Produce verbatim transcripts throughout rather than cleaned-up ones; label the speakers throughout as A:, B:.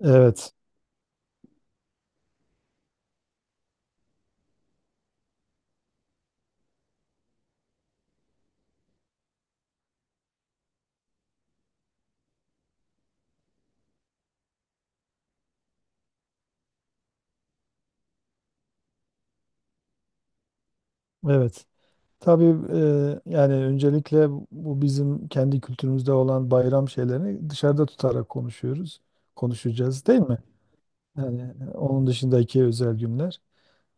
A: Evet, evet. Tabii e, yani öncelikle bu bizim kendi kültürümüzde olan bayram şeylerini dışarıda tutarak konuşuyoruz. Konuşacağız değil mi? Yani onun dışındaki özel günler.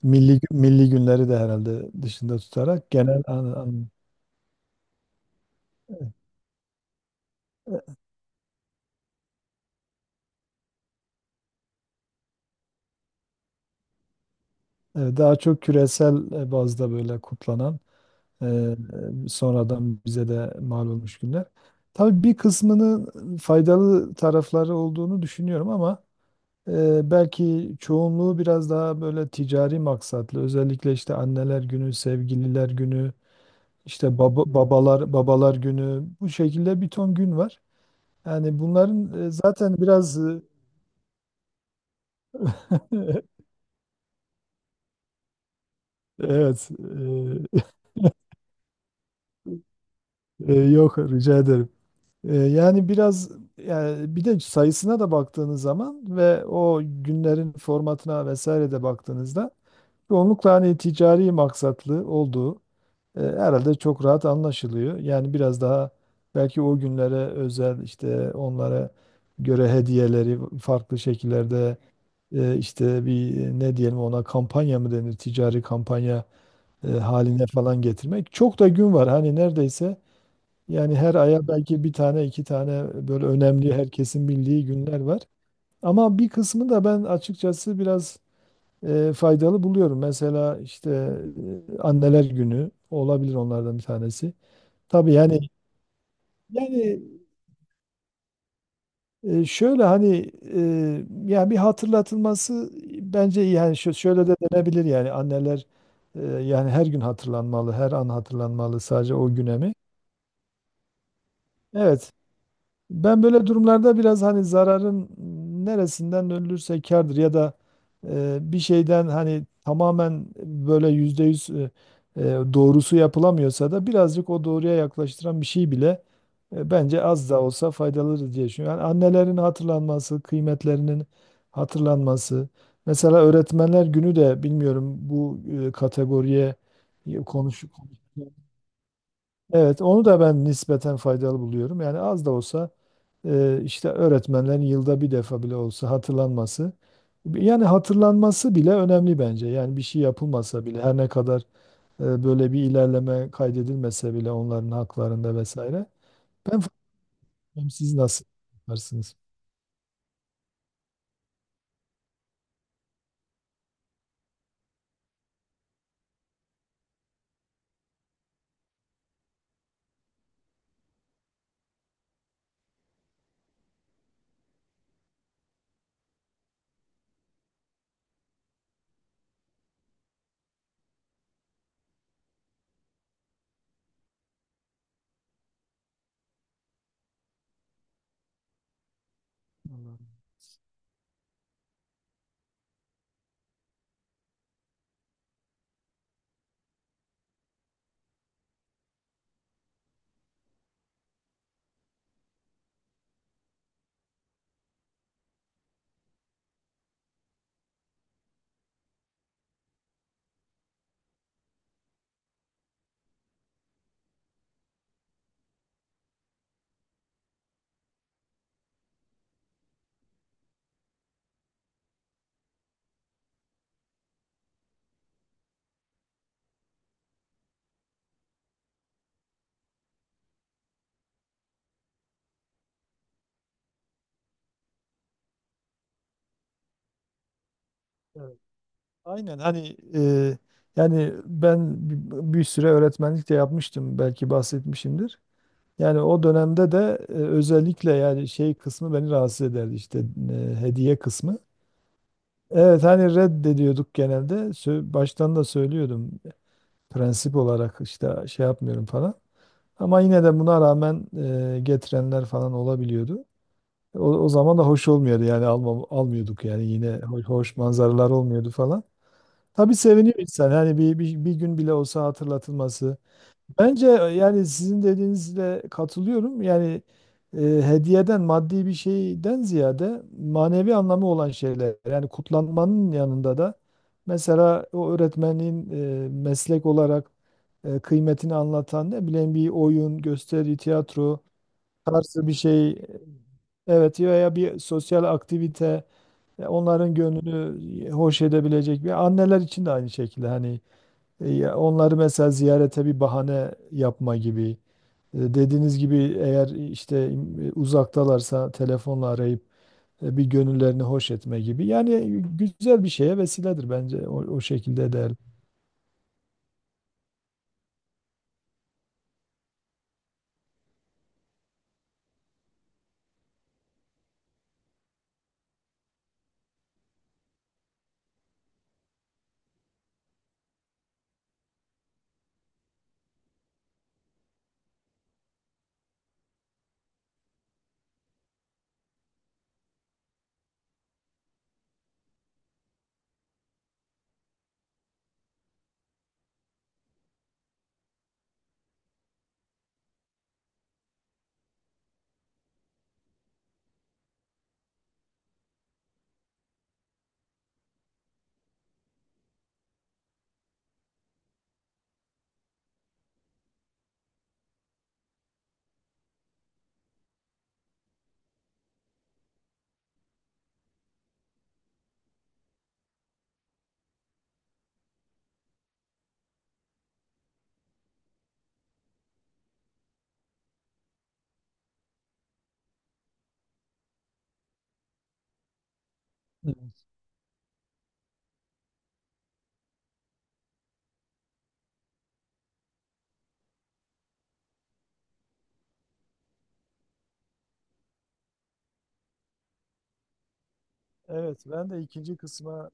A: Milli, milli günleri de herhalde dışında tutarak genel an, an- e, e, daha çok küresel e, bazda böyle kutlanan e, e, sonradan bize de mal olmuş günler. Tabii bir kısmının faydalı tarafları olduğunu düşünüyorum ama Eee, belki çoğunluğu biraz daha böyle ticari maksatlı. Özellikle işte anneler günü, sevgililer günü, işte baba, babalar babalar günü, bu şekilde bir ton gün var. Yani bunların e, zaten biraz e, evet e, e, yok, rica ederim. E, yani biraz, yani bir de sayısına da baktığınız zaman ve o günlerin formatına vesaire de baktığınızda çoğunlukla hani ticari maksatlı olduğu E, herhalde çok rahat anlaşılıyor. Yani biraz daha belki o günlere özel, işte onlara göre hediyeleri farklı şekillerde e, işte bir, e, ne diyelim ona, kampanya mı denir, ticari kampanya e, haline falan getirmek. Çok da gün var hani, neredeyse yani her aya belki bir tane iki tane böyle önemli, herkesin bildiği günler var. Ama bir kısmı da, ben açıkçası biraz e, faydalı buluyorum. Mesela işte e, anneler günü olabilir onlardan bir tanesi. Tabii yani yani e, şöyle hani e, yani bir hatırlatılması bence iyi. Yani şö- şöyle de denebilir, yani anneler e, yani her gün hatırlanmalı, her an hatırlanmalı, sadece o günemi. Evet. Ben böyle durumlarda biraz hani zararın neresinden ölürse kârdır ya da e, bir şeyden hani tamamen böyle yüzde yüz e, e, doğrusu yapılamıyorsa da birazcık o doğruya yaklaştıran bir şey bile e, bence az da olsa faydalıdır diye düşünüyorum. Yani annelerin hatırlanması, kıymetlerinin hatırlanması. Mesela öğretmenler günü de, bilmiyorum bu e, kategoriye e, konuş, evet, onu da ben nispeten faydalı buluyorum. Yani az da olsa e, işte öğretmenlerin yılda bir defa bile olsa hatırlanması. Yani hatırlanması bile önemli bence. Yani bir şey yapılmasa bile, her ne kadar e, böyle bir ilerleme kaydedilmese bile onların haklarında vesaire. Ben bilmiyorum, siz nasıl yaparsınız? Anladım. Evet. Aynen, hani e, yani ben bir bir süre öğretmenlik de yapmıştım, belki bahsetmişimdir. Yani o dönemde de e, özellikle yani şey kısmı beni rahatsız ederdi, işte e, hediye kısmı. Evet, hani reddediyorduk genelde. Sö- Baştan da söylüyordum, prensip olarak işte şey yapmıyorum falan. Ama yine de buna rağmen e, getirenler falan olabiliyordu. O, o zaman da hoş olmuyordu, yani alma, almıyorduk, yani yine ho- hoş manzaralar olmuyordu falan. Tabii seviniyor insan hani, bir, bir, bir gün bile olsa hatırlatılması. Bence e, yani sizin dediğinizle katılıyorum. Yani e, hediyeden, maddi bir şeyden ziyade manevi anlamı olan şeyler. Yani kutlanmanın yanında da mesela o öğretmenin e, meslek olarak e, kıymetini anlatan, ne bileyim bir oyun, gösteri, tiyatro tarzı bir şey. e, Evet, veya bir sosyal aktivite, e, onların gönlünü e, hoş edebilecek. Bir anneler için de aynı şekilde hani e, ya onları mesela ziyarete bir bahane yapma gibi. E, Dediğiniz gibi, eğer işte e, uzaktalarsa telefonla arayıp e, bir gönüllerini hoş etme gibi. Yani güzel bir şeye vesiledir bence, o, o şekilde değerli. Evet, evet, ben de ikinci kısma,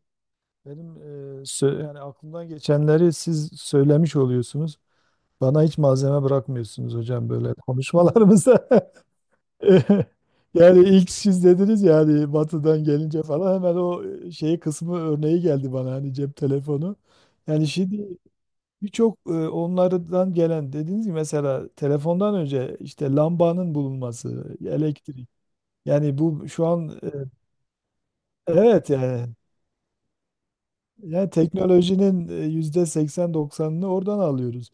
A: benim e, sö- yani aklımdan geçenleri siz söylemiş oluyorsunuz. Bana hiç malzeme bırakmıyorsunuz hocam, böyle konuşmalarımızda. Yani ilk siz dediniz ya, hani batıdan gelince falan hemen o şeyi kısmı örneği geldi bana, hani cep telefonu. Yani şimdi birçok e, onlardan gelen, dediğiniz gibi mesela telefondan önce işte lambanın bulunması, elektrik. Yani bu şu an e, evet yani. Yani teknolojinin e, yüzde seksen doksanını oradan alıyoruz.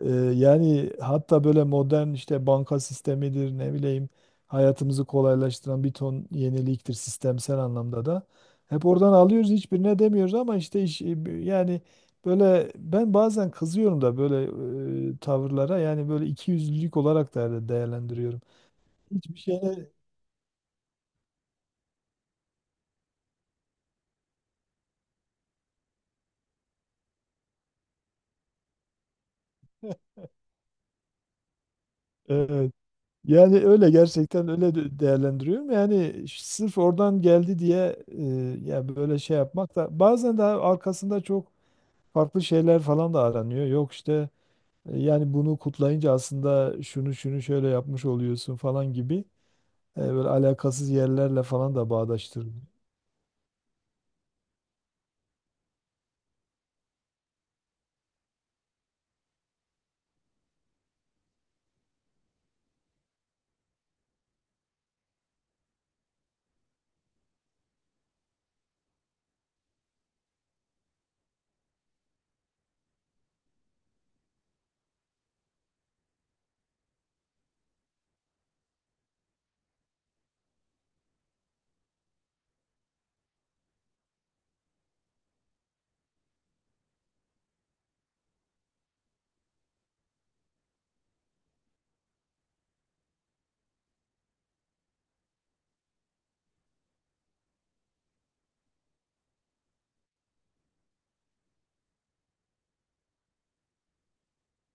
A: Ee, yani hatta böyle modern, işte banka sistemidir, ne bileyim hayatımızı kolaylaştıran bir ton yeniliktir, sistemsel anlamda da. Hep oradan alıyoruz, hiçbirine demiyoruz, ama işte iş, yani böyle ben bazen kızıyorum da böyle e, tavırlara. Yani böyle ikiyüzlülük olarak da değerlendiriyorum. Hiçbir şeyine evet, yani öyle gerçekten öyle de- değerlendiriyorum. Yani ş- sırf oradan geldi diye e, ya böyle şey yapmak da. Bazen de arkasında çok farklı şeyler falan da aranıyor. Yok işte e, yani bunu kutlayınca aslında şunu şunu şöyle yapmış oluyorsun falan gibi e, böyle alakasız yerlerle falan da bağdaştırılıyor.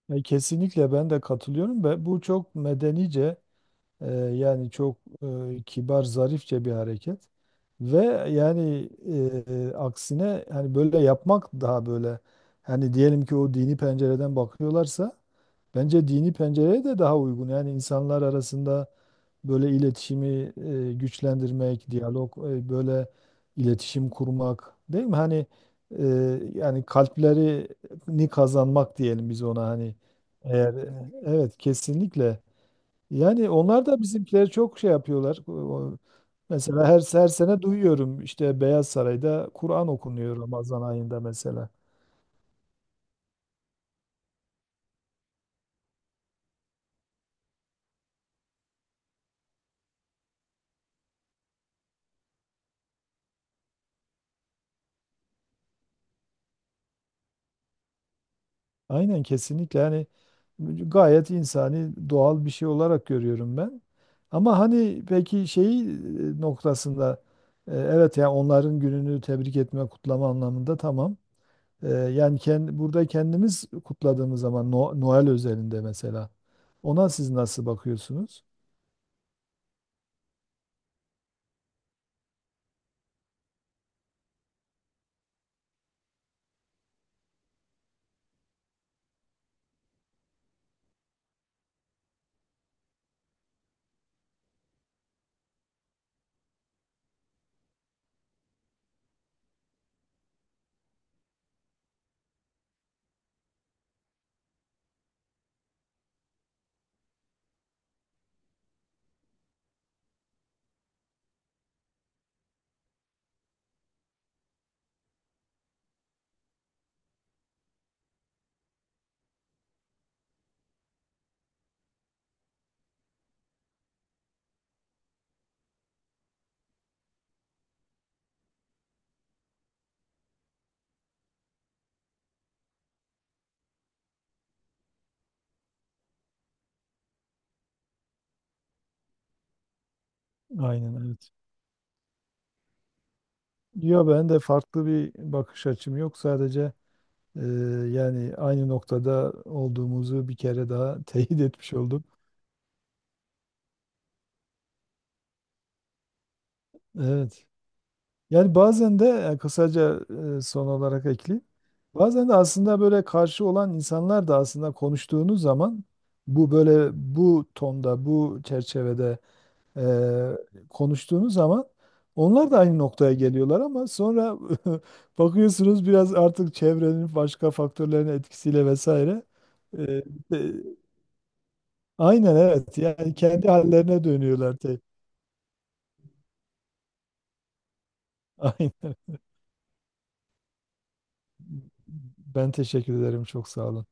A: E, kesinlikle ben de katılıyorum ve bu çok medenice, e, yani çok e, kibar, zarifçe bir hareket. Ve yani e, aksine hani böyle yapmak daha böyle, hani diyelim ki o dini pencereden bakıyorlarsa, bence dini pencereye de daha uygun. Yani insanlar arasında böyle iletişimi e, güçlendirmek, diyalog, e, böyle iletişim kurmak, değil mi? Hani e, yani kalplerini kazanmak diyelim biz ona, hani eğer, evet kesinlikle. Yani onlar da bizimkileri çok şey yapıyorlar. Mesela her, her sene duyuyorum işte Beyaz Saray'da Kur'an okunuyor Ramazan ayında mesela. Aynen kesinlikle, yani gayet insani, doğal bir şey olarak görüyorum ben. Ama hani, peki şeyi e, noktasında, e, evet yani onların gününü tebrik etme, kutlama anlamında tamam. E, Yani kendi, burada kendimiz kutladığımız zaman, No- Noel özelinde mesela, ona siz nasıl bakıyorsunuz? Aynen evet. Yok, ben de farklı bir bakış açım yok sadece. Ee, Yani aynı noktada olduğumuzu bir kere daha teyit etmiş oldum. Evet. Yani bazen de e, kısaca e, son olarak ekli. Bazen de aslında böyle karşı olan insanlar da, aslında konuştuğunuz zaman, bu böyle bu tonda, bu çerçevede e, konuştuğunuz zaman, onlar da aynı noktaya geliyorlar ama sonra bakıyorsunuz, biraz artık çevrenin, başka faktörlerin etkisiyle vesaire e, işte, aynen evet. Yani kendi hallerine dönüyorlar. te- Aynen. Ben teşekkür ederim. Çok sağ olun.